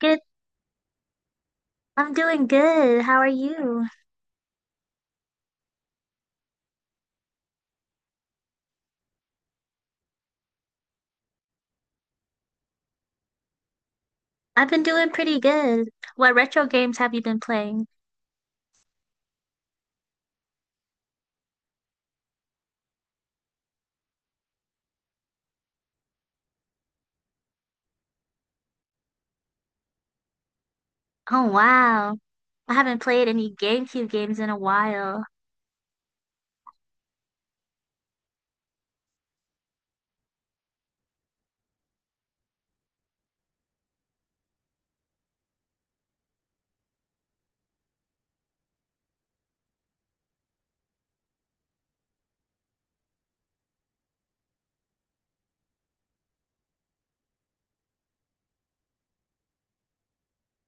Good. I'm doing good. How are you? I've been doing pretty good. What retro games have you been playing? Oh, wow. I haven't played any GameCube games in a while.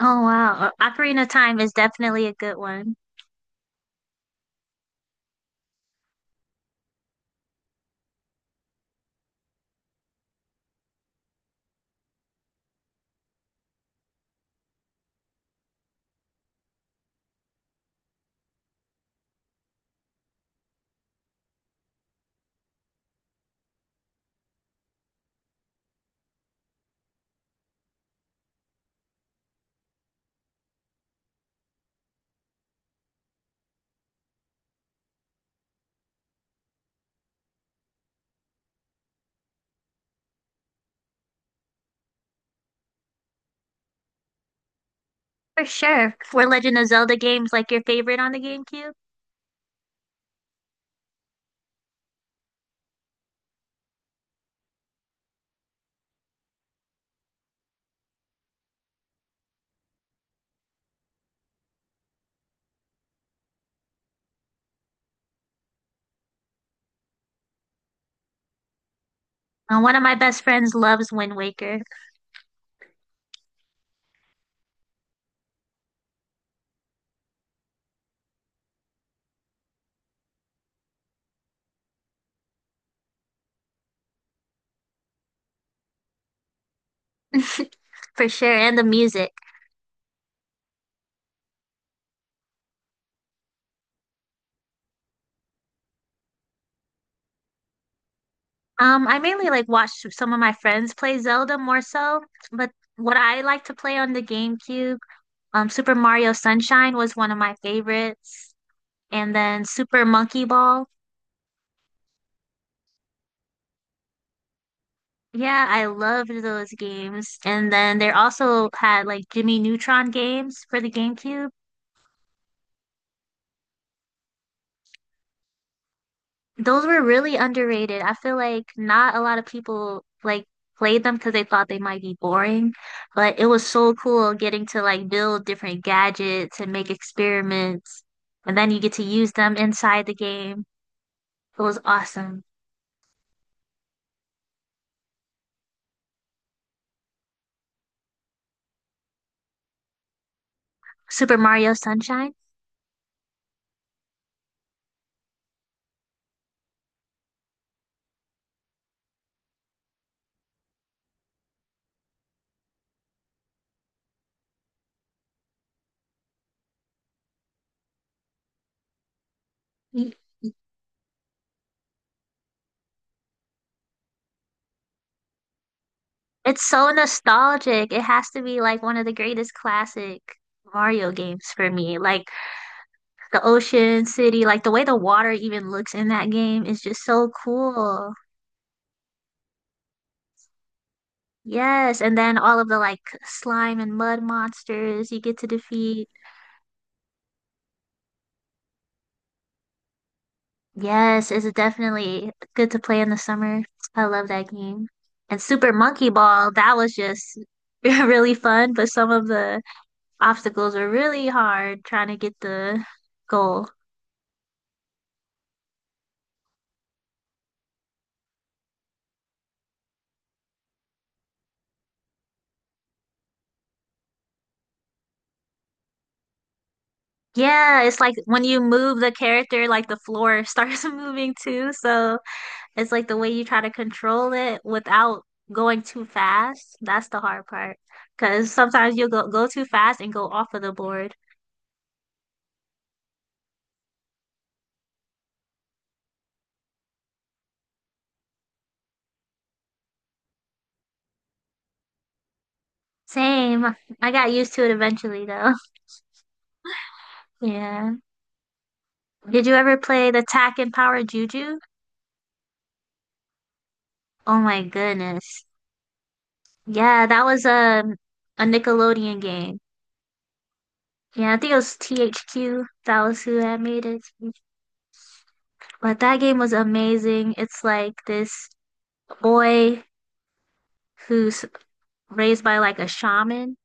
Oh, wow. Ocarina of Time is definitely a good one. For sure. Were Legend of Zelda games like your favorite on the GameCube? One of my best friends loves Wind Waker. For sure, and the music. I mainly like watch some of my friends play Zelda more so, but what I like to play on the GameCube. Super Mario Sunshine was one of my favorites, and then Super Monkey Ball. Yeah, I loved those games. And then they also had like Jimmy Neutron games for the GameCube. Those were really underrated. I feel like not a lot of people like played them because they thought they might be boring, but it was so cool getting to like build different gadgets and make experiments, and then you get to use them inside the game. It was awesome. Super Mario Sunshine. It's so nostalgic. It has to be like one of the greatest classic Mario games for me. Like the ocean city, like the way the water even looks in that game is just so cool. Yes, and then all of the like slime and mud monsters you get to defeat. Yes, it's definitely good to play in the summer. I love that game. And Super Monkey Ball, that was just really fun, but some of the obstacles were really hard trying to get the goal. Yeah, it's like when you move the character, like the floor starts moving too. So it's like the way you try to control it without going too fast. That's the hard part. Because sometimes you'll go too fast and go off of the board. Same. I got used to it eventually though. Yeah. Did you ever play the Tack and Power Juju? Oh my goodness. Yeah, that was a Nickelodeon game. Yeah, I think it was THQ. That was who had made it. But that game was amazing. It's like this boy who's raised by like a shaman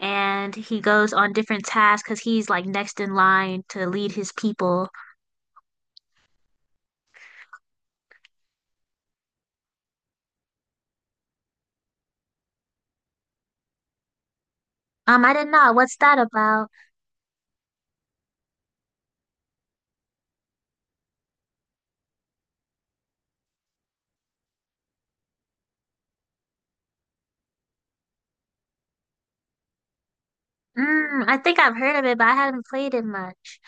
and he goes on different tasks because he's like next in line to lead his people. I didn't know. What's that about? Mm, I think I've heard of it, but I haven't played it much.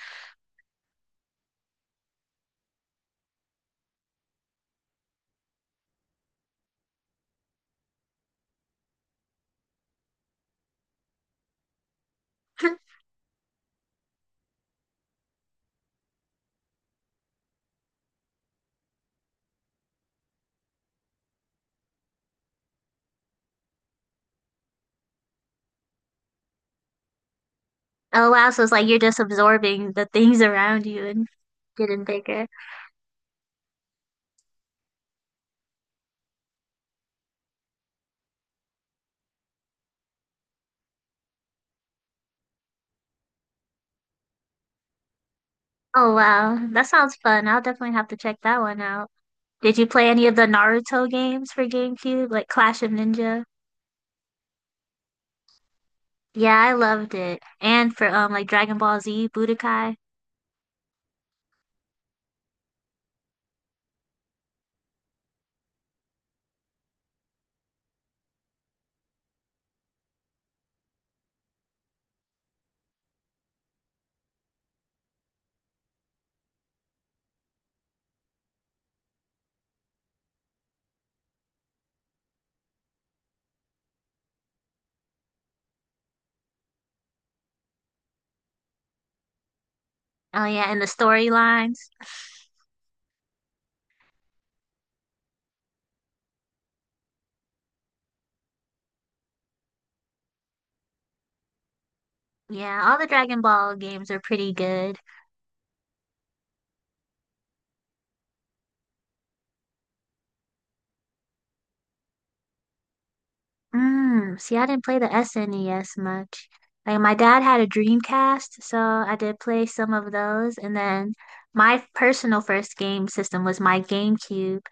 Oh wow, so it's like you're just absorbing the things around you and getting bigger. Oh wow, that sounds fun. I'll definitely have to check that one out. Did you play any of the Naruto games for GameCube, like Clash of Ninja? Yeah, I loved it. And for like Dragon Ball Z, Budokai. Oh yeah, and the storylines. Yeah, all the Dragon Ball games are pretty good. Mm, see, I didn't play the SNES much. Like my dad had a Dreamcast, so I did play some of those. And then my personal first game system was my GameCube,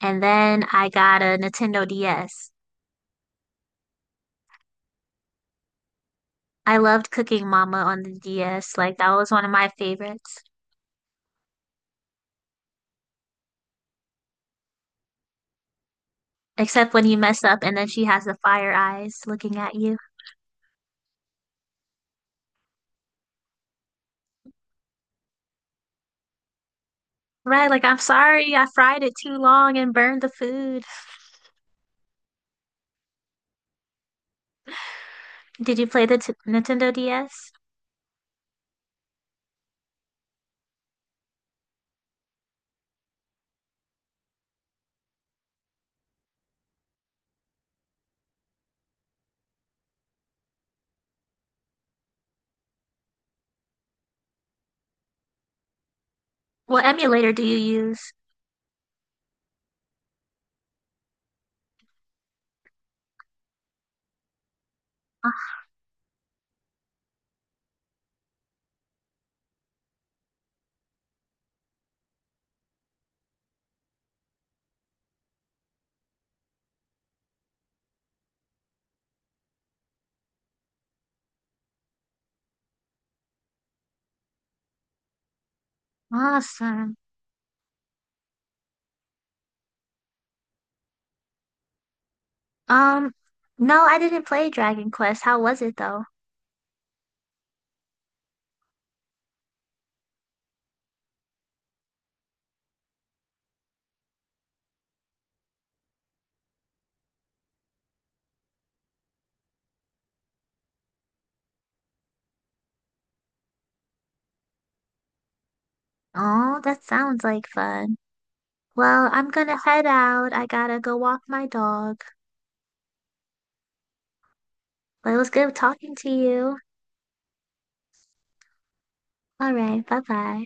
and then I got a Nintendo DS. I loved Cooking Mama on the DS. Like that was one of my favorites. Except when you mess up and then she has the fire eyes looking at you. Right, like I'm sorry, I fried it too long and burned the food. Did you play the t Nintendo DS? What emulator do you use? Ah, awesome. Um, no, I didn't play Dragon Quest. How was it though? Oh, that sounds like fun. Well, I'm gonna head out. I gotta go walk my dog. But it was good talking to you. All right, bye bye.